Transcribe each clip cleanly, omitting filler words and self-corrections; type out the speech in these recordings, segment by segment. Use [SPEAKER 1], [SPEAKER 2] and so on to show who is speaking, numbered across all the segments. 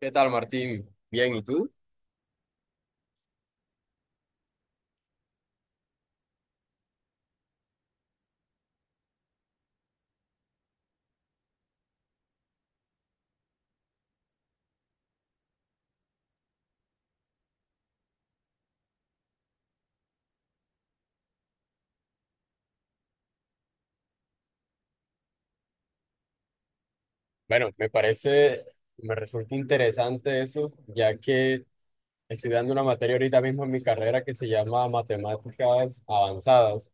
[SPEAKER 1] ¿Qué tal, Martín? Bien, ¿y tú? Bueno, me parece, me resulta interesante eso, ya que estoy dando una materia ahorita mismo en mi carrera que se llama Matemáticas Avanzadas.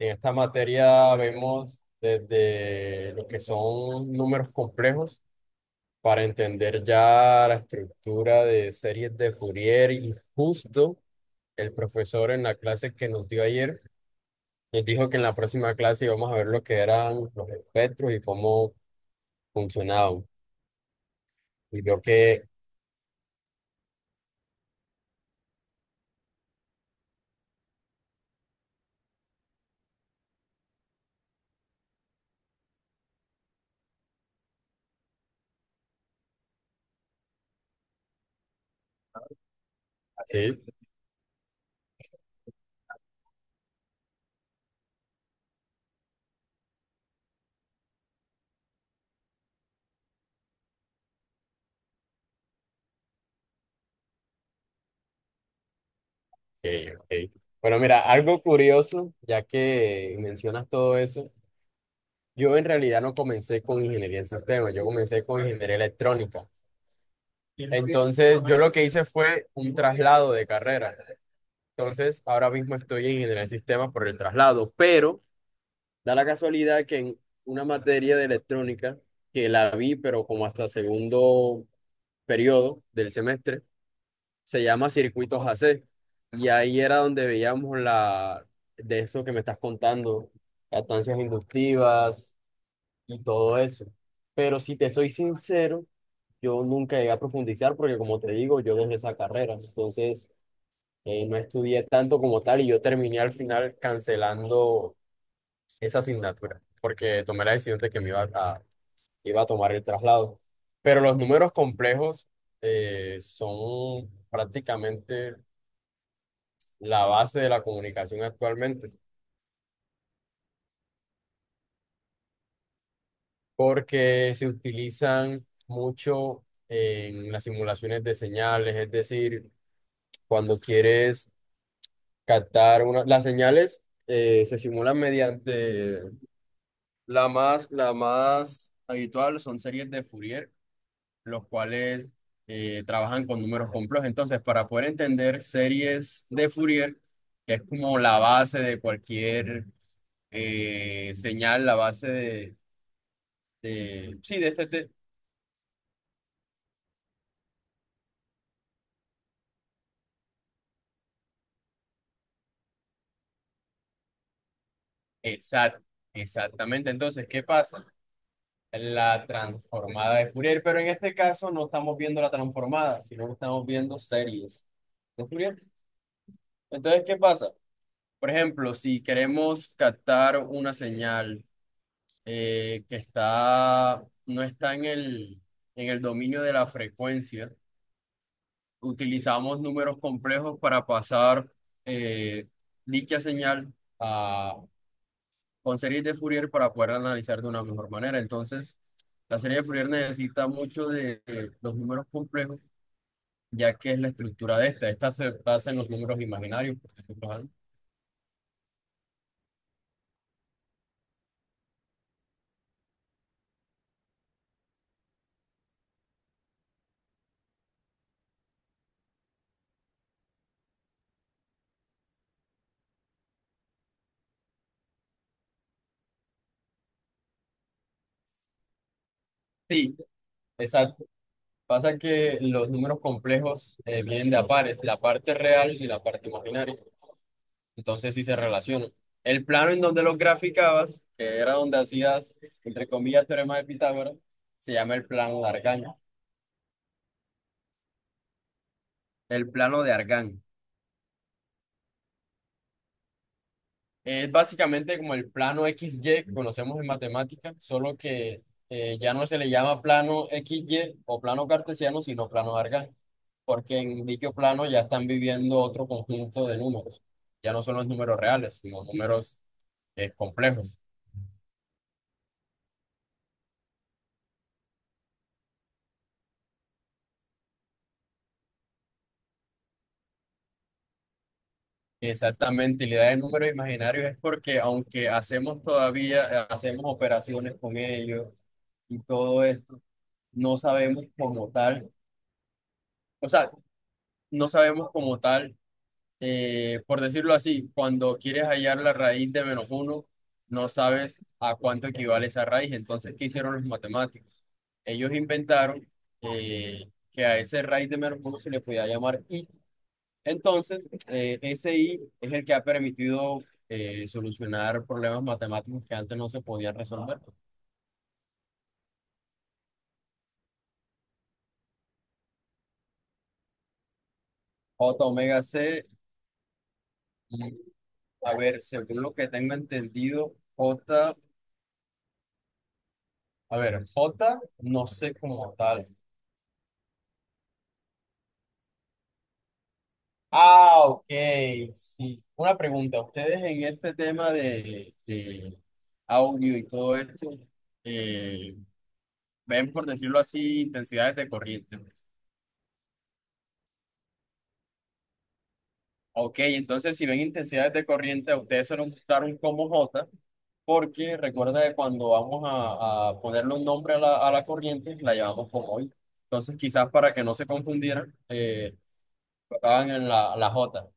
[SPEAKER 1] En esta materia vemos desde lo que son números complejos para entender ya la estructura de series de Fourier y justo el profesor en la clase que nos dio ayer nos dijo que en la próxima clase íbamos a ver lo que eran los espectros y cómo funcionaba. Y veo que, sí, ok, ok. Bueno, mira, algo curioso, ya que mencionas todo eso, yo en realidad no comencé con ingeniería en sistemas, yo comencé con ingeniería electrónica. Entonces, yo lo que hice fue un traslado de carrera. Entonces, ahora mismo estoy en ingeniería en sistemas por el traslado, pero da la casualidad que en una materia de electrónica, que la vi, pero como hasta segundo periodo del semestre, se llama Circuitos AC. Y ahí era donde veíamos la de eso que me estás contando, estancias inductivas y todo eso. Pero si te soy sincero, yo nunca llegué a profundizar porque como te digo, yo dejé esa carrera. Entonces, no estudié tanto como tal y yo terminé al final cancelando esa asignatura porque tomé la decisión de que me iba a, tomar el traslado. Pero los números complejos son prácticamente la base de la comunicación actualmente, porque se utilizan mucho en las simulaciones de señales, es decir, cuando quieres captar las señales se simulan mediante la más habitual son series de Fourier, los cuales trabajan con números complejos. Entonces, para poder entender series de Fourier, que es como la base de cualquier señal, la base de, sí, de este, te- exact- exactamente. Entonces, ¿qué pasa? La transformada de Fourier, pero en este caso no estamos viendo la transformada, sino que estamos viendo series de Fourier. Entonces, ¿qué pasa? Por ejemplo, si queremos captar una señal que está, no está en en el dominio de la frecuencia, utilizamos números complejos para pasar eh, dicha señal con series de Fourier para poder analizar de una mejor manera. Entonces, la serie de Fourier necesita mucho de los números complejos, ya que es la estructura de esta. Esta se basa en los números imaginarios. Por ejemplo, ¿ah? Sí, exacto. Pasa que los números complejos vienen de a pares, la parte real y la parte imaginaria. Entonces, sí se relacionan. El plano en donde los graficabas, que era donde hacías, entre comillas, teorema de Pitágoras, se llama el plano de Argand. El plano de Argand. Es básicamente como el plano XY que conocemos en matemática, solo que ya no se le llama plano x y o plano cartesiano, sino plano Argand, porque en dicho plano ya están viviendo otro conjunto de números. Ya no son los números reales, sino números complejos. Exactamente, y la idea de números imaginarios es porque aunque hacemos todavía, hacemos operaciones con ellos y todo esto, no sabemos como tal, o sea, no sabemos como tal por decirlo así, cuando quieres hallar la raíz de menos uno, no sabes a cuánto equivale esa raíz. Entonces, ¿qué hicieron los matemáticos? Ellos inventaron que a ese raíz de menos uno se le podía llamar i. Entonces, ese i es el que ha permitido solucionar problemas matemáticos que antes no se podían resolver. J omega c, y, a ver, según lo que tengo entendido, J, a ver, J no sé como tal. Ah, ok, sí. Una pregunta, ustedes en este tema de audio y todo esto, eh, ven, por decirlo así, intensidades de corriente. Ok, entonces si ven intensidades de corriente, a ustedes se nos gustaron como J, porque recuerda que cuando vamos a ponerle un nombre a a la corriente, la llamamos como hoy. Entonces quizás para que no se confundieran, tocaban en la J.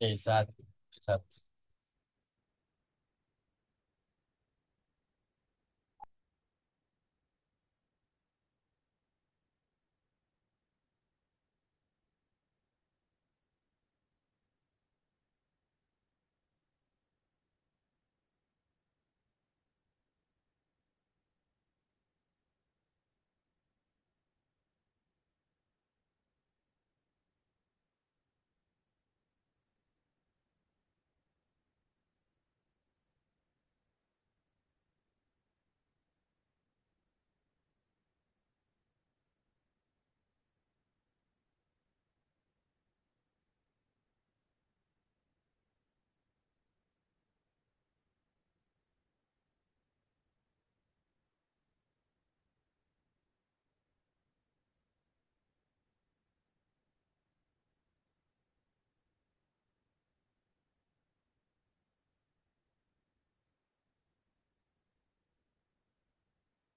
[SPEAKER 1] Exacto, exacto.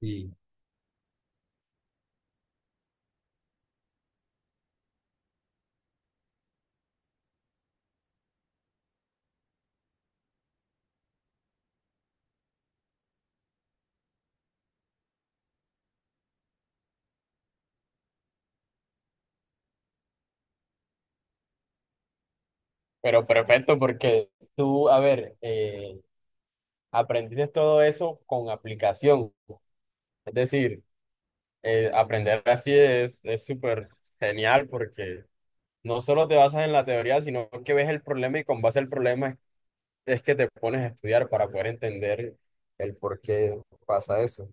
[SPEAKER 1] Sí. Pero perfecto, porque tú, a ver, aprendiste todo eso con aplicación. Es decir, aprender así es súper genial porque no solo te basas en la teoría, sino que ves el problema y con base al problema es que te pones a estudiar para poder entender el por qué pasa eso.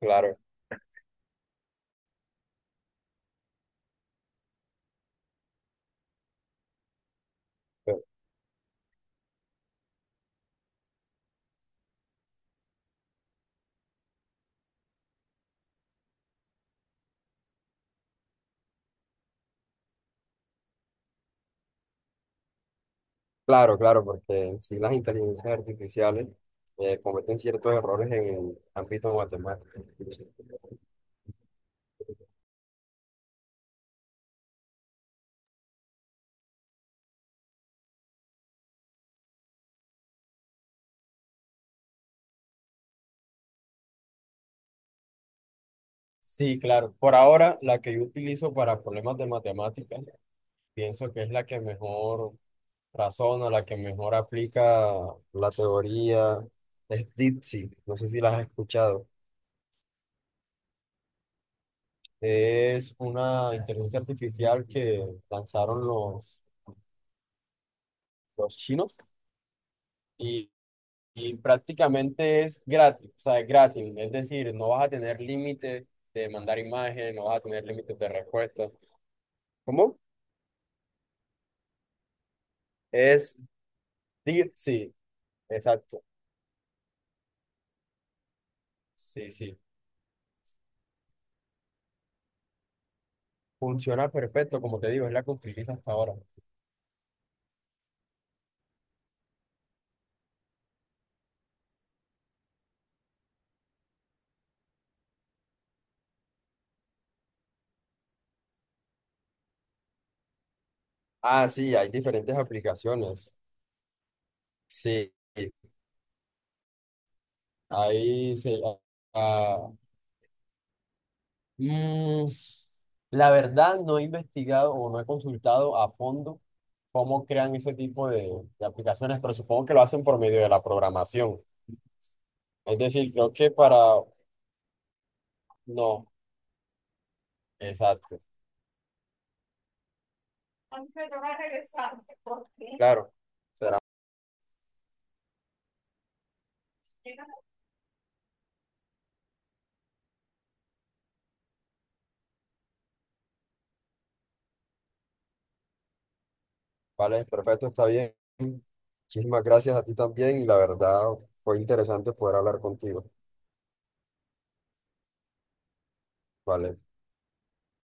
[SPEAKER 1] Claro, pe- claro, claro, porque en sí las inteligencias artificiales cometen ciertos errores en el ámbito matemático. Sí, claro. Por ahora, la que yo utilizo para problemas de matemáticas, pienso que es la que mejor razona, la que mejor aplica la teoría, es DITSI. No sé si la has escuchado. Es una inteligencia artificial que lanzaron los chinos y, prácticamente es gratis, o sea, es gratis. Es decir, no vas a tener límite de mandar imágenes, no vas a tener límites de respuesta. ¿Cómo? Es DITSI, exacto. Sí, sí. Funciona perfecto, como te digo, es la que utilizo hasta ahora. Ah, sí, hay diferentes aplicaciones. Sí, ahí se... ah, ah, mm, la verdad no he investigado o no he consultado a fondo cómo crean ese tipo de aplicaciones, pero supongo que lo hacen por medio de la programación. Es decir, No, exacto. Claro. Vale, perfecto, está bien. Muchísimas gracias a ti también y la verdad fue interesante poder hablar contigo. Vale.